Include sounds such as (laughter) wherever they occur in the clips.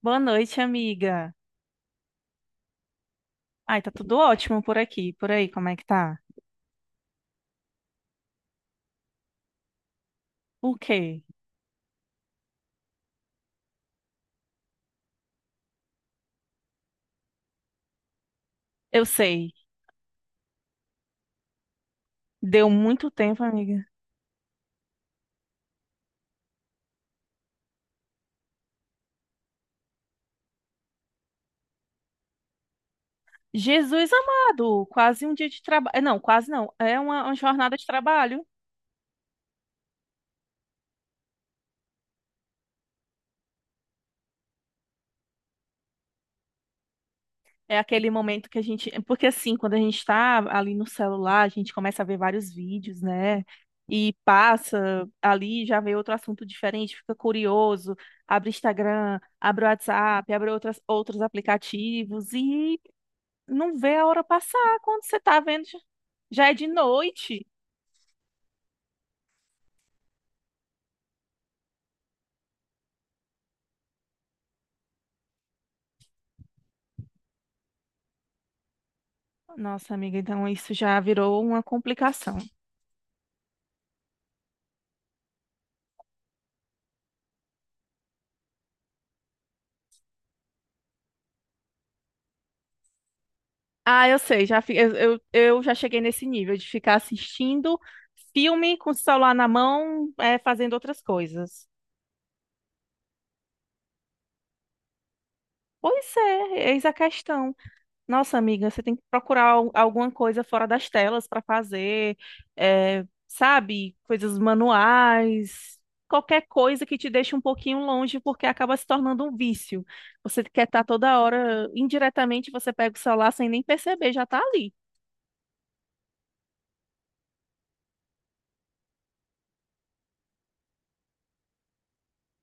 Boa noite, amiga. Ai, tá tudo ótimo por aqui. Por aí, como é que tá? O quê? Eu sei. Deu muito tempo, amiga. Jesus amado, quase um dia de trabalho. Não, quase não. É uma jornada de trabalho. É aquele momento que a gente. Porque assim, quando a gente tá ali no celular, a gente começa a ver vários vídeos, né? E passa ali, já vê outro assunto diferente, fica curioso, abre Instagram, abre WhatsApp, abre outras, outros aplicativos e não vê a hora passar quando você tá vendo. Já é de noite. Nossa, amiga, então isso já virou uma complicação. Ah, eu sei, já, eu já cheguei nesse nível de ficar assistindo filme com o celular na mão, é, fazendo outras coisas. Pois é, eis a questão. Nossa, amiga, você tem que procurar alguma coisa fora das telas para fazer, é, sabe? Coisas manuais, qualquer coisa que te deixe um pouquinho longe, porque acaba se tornando um vício. Você quer estar toda hora, indiretamente, você pega o celular sem nem perceber, já tá ali.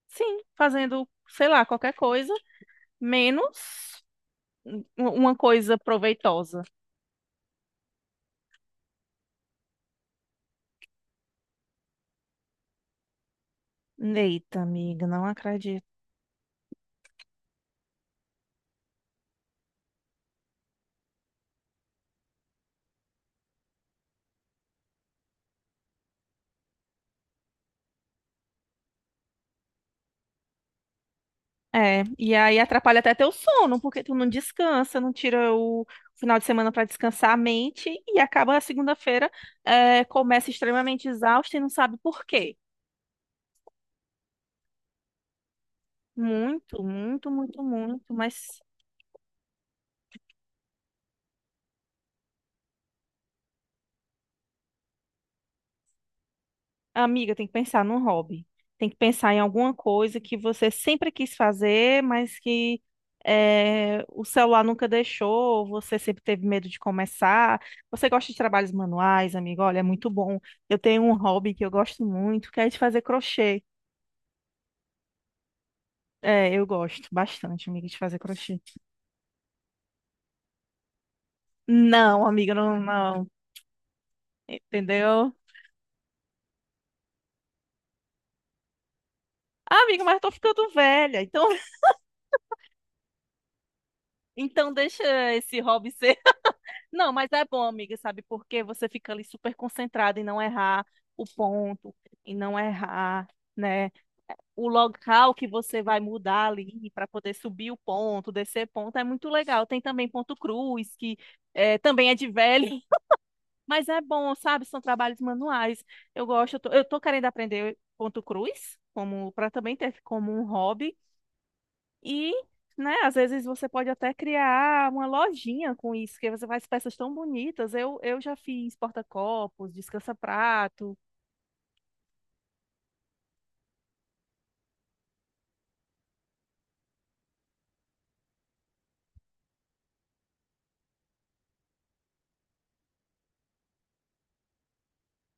Sim, fazendo, sei lá, qualquer coisa, menos uma coisa proveitosa. Eita, amiga, não acredito. É, e aí atrapalha até teu sono, porque tu não descansa, não tira o final de semana para descansar a mente e acaba a segunda-feira, é, começa extremamente exausta e não sabe por quê. Muito, muito, muito, muito, mas amiga, tem que pensar num hobby. Tem que pensar em alguma coisa que você sempre quis fazer, mas que o celular nunca deixou, você sempre teve medo de começar. Você gosta de trabalhos manuais, amiga? Olha, é muito bom. Eu tenho um hobby que eu gosto muito, que é de fazer crochê. É, eu gosto bastante, amiga, de fazer crochê. Não, amiga, não, não. Entendeu? Ah, amiga, mas eu tô ficando velha. Então, (laughs) então deixa esse hobby ser. Não, mas é bom, amiga, sabe? Porque você fica ali super concentrada em não errar o ponto, em não errar, né? O local que você vai mudar ali para poder subir o ponto, descer ponto, é muito legal. Tem também ponto cruz, que é, também é de velho, (laughs) mas é bom, sabe? São trabalhos manuais. Eu gosto, eu tô querendo aprender ponto cruz, como para também ter como um hobby. E, né, às vezes você pode até criar uma lojinha com isso, que você faz peças tão bonitas. Eu já fiz porta-copos, descansa-prato.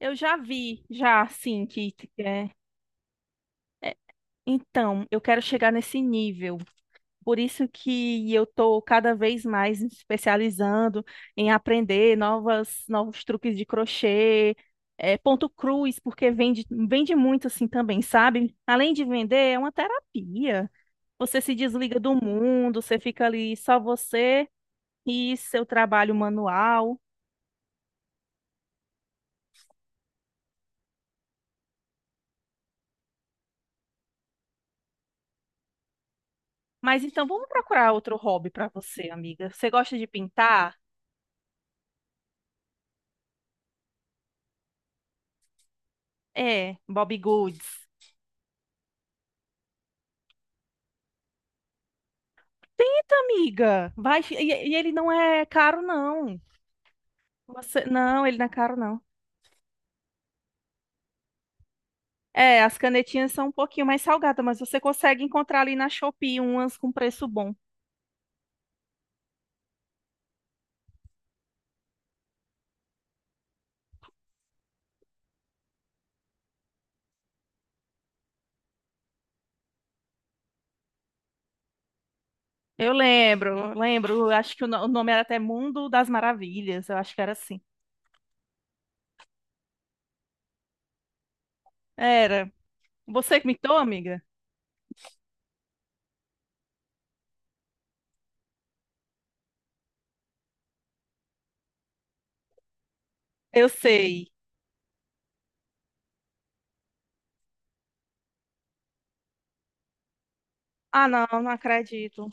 Eu já vi, já, assim, que é. É. Então, eu quero chegar nesse nível. Por isso que eu estou cada vez mais me especializando em aprender novas, novos truques de crochê, é, ponto cruz, porque vende, vende muito assim também, sabe? Além de vender, é uma terapia. Você se desliga do mundo, você fica ali só você e seu trabalho manual. Mas então vamos procurar outro hobby para você, amiga. Você gosta de pintar? É, Bobbie Goods. Tenta, amiga. Vai, e ele não é caro, não. Você, não, ele não é caro, não. É, as canetinhas são um pouquinho mais salgadas, mas você consegue encontrar ali na Shopee umas com preço bom. Eu lembro, lembro. Acho que o no- o nome era até Mundo das Maravilhas. Eu acho que era assim. Era. Você que me amiga? Eu sei. Ah, não, não acredito.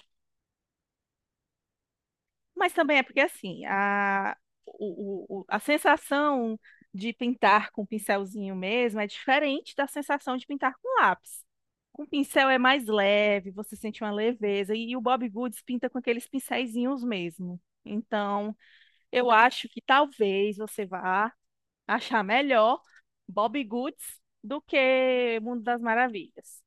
Mas também é porque assim, a, o- a sensação de pintar com pincelzinho mesmo é diferente da sensação de pintar com lápis. Com pincel é mais leve, você sente uma leveza. E o Bob Goods pinta com aqueles pincelzinhos mesmo. Então, eu acho que talvez você vá achar melhor Bob Goods do que Mundo das Maravilhas.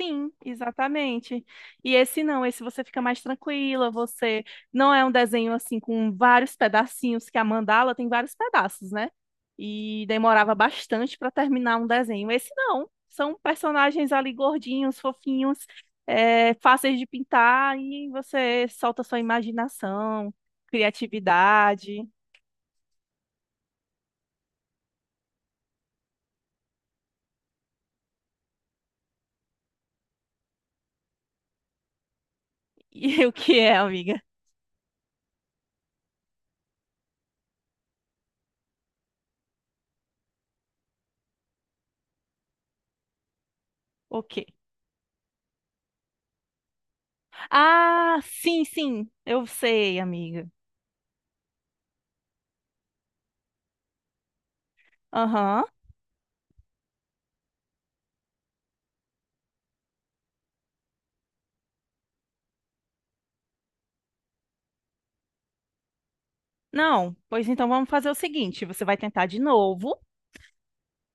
Sim, exatamente. E esse não, esse você fica mais tranquila, você não é um desenho assim com vários pedacinhos, que a mandala tem vários pedaços, né? E demorava bastante para terminar um desenho. Esse não, são personagens ali gordinhos, fofinhos, é, fáceis de pintar e você solta sua imaginação, criatividade. E (laughs) o que é, amiga? O quê? Ah, sim, sim, eu sei, amiga. Aham. Não, pois então vamos fazer o seguinte: você vai tentar de novo,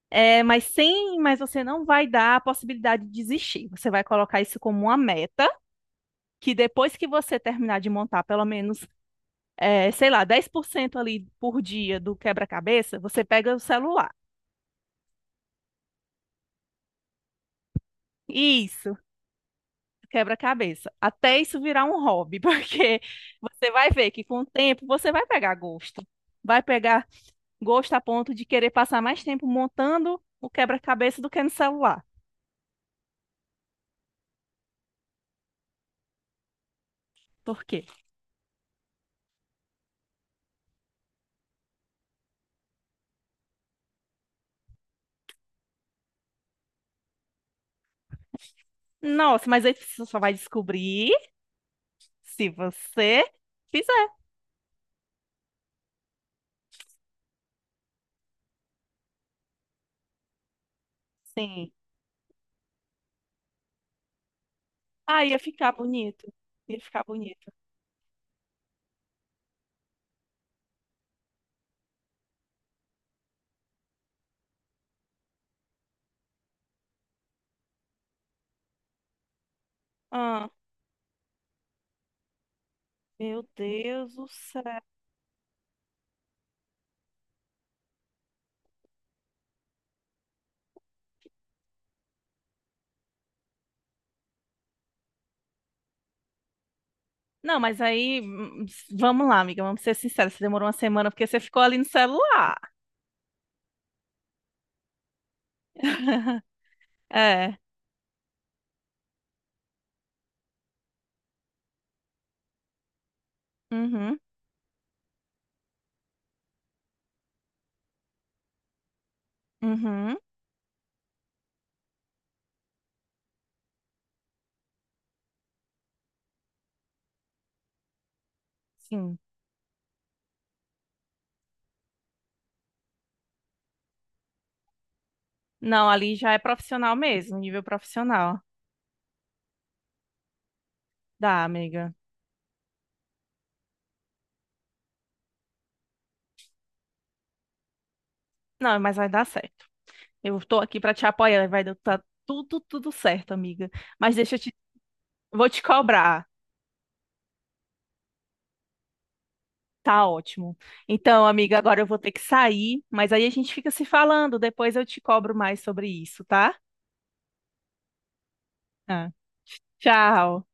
é, mas sem, mas você não vai dar a possibilidade de desistir. Você vai colocar isso como uma meta, que depois que você terminar de montar pelo menos, é, sei lá, 10% ali por dia do quebra-cabeça, você pega o celular. Isso, quebra-cabeça. Até isso virar um hobby, (laughs) porque você vai ver que com o tempo você vai pegar gosto. Vai pegar gosto a ponto de querer passar mais tempo montando o quebra-cabeça do que no celular. Por quê? Nossa, mas aí você só vai descobrir se você fizer. Sim. Ah, ia ficar bonito. Ia ficar bonito. Ah, meu Deus do céu. Não, mas aí, vamos lá, amiga, vamos ser sinceros. Você demorou uma semana porque você ficou ali no celular. (laughs) É. Uhum, uhum, sim. Não, ali já é profissional mesmo, nível profissional. Dá, amiga. Não, mas vai dar certo. Eu tô aqui pra te apoiar, vai dar tá tudo, tudo certo, amiga. Mas deixa eu te, vou te cobrar. Tá ótimo. Então, amiga, agora eu vou ter que sair, mas aí a gente fica se falando. Depois eu te cobro mais sobre isso, tá? Ah, tchau.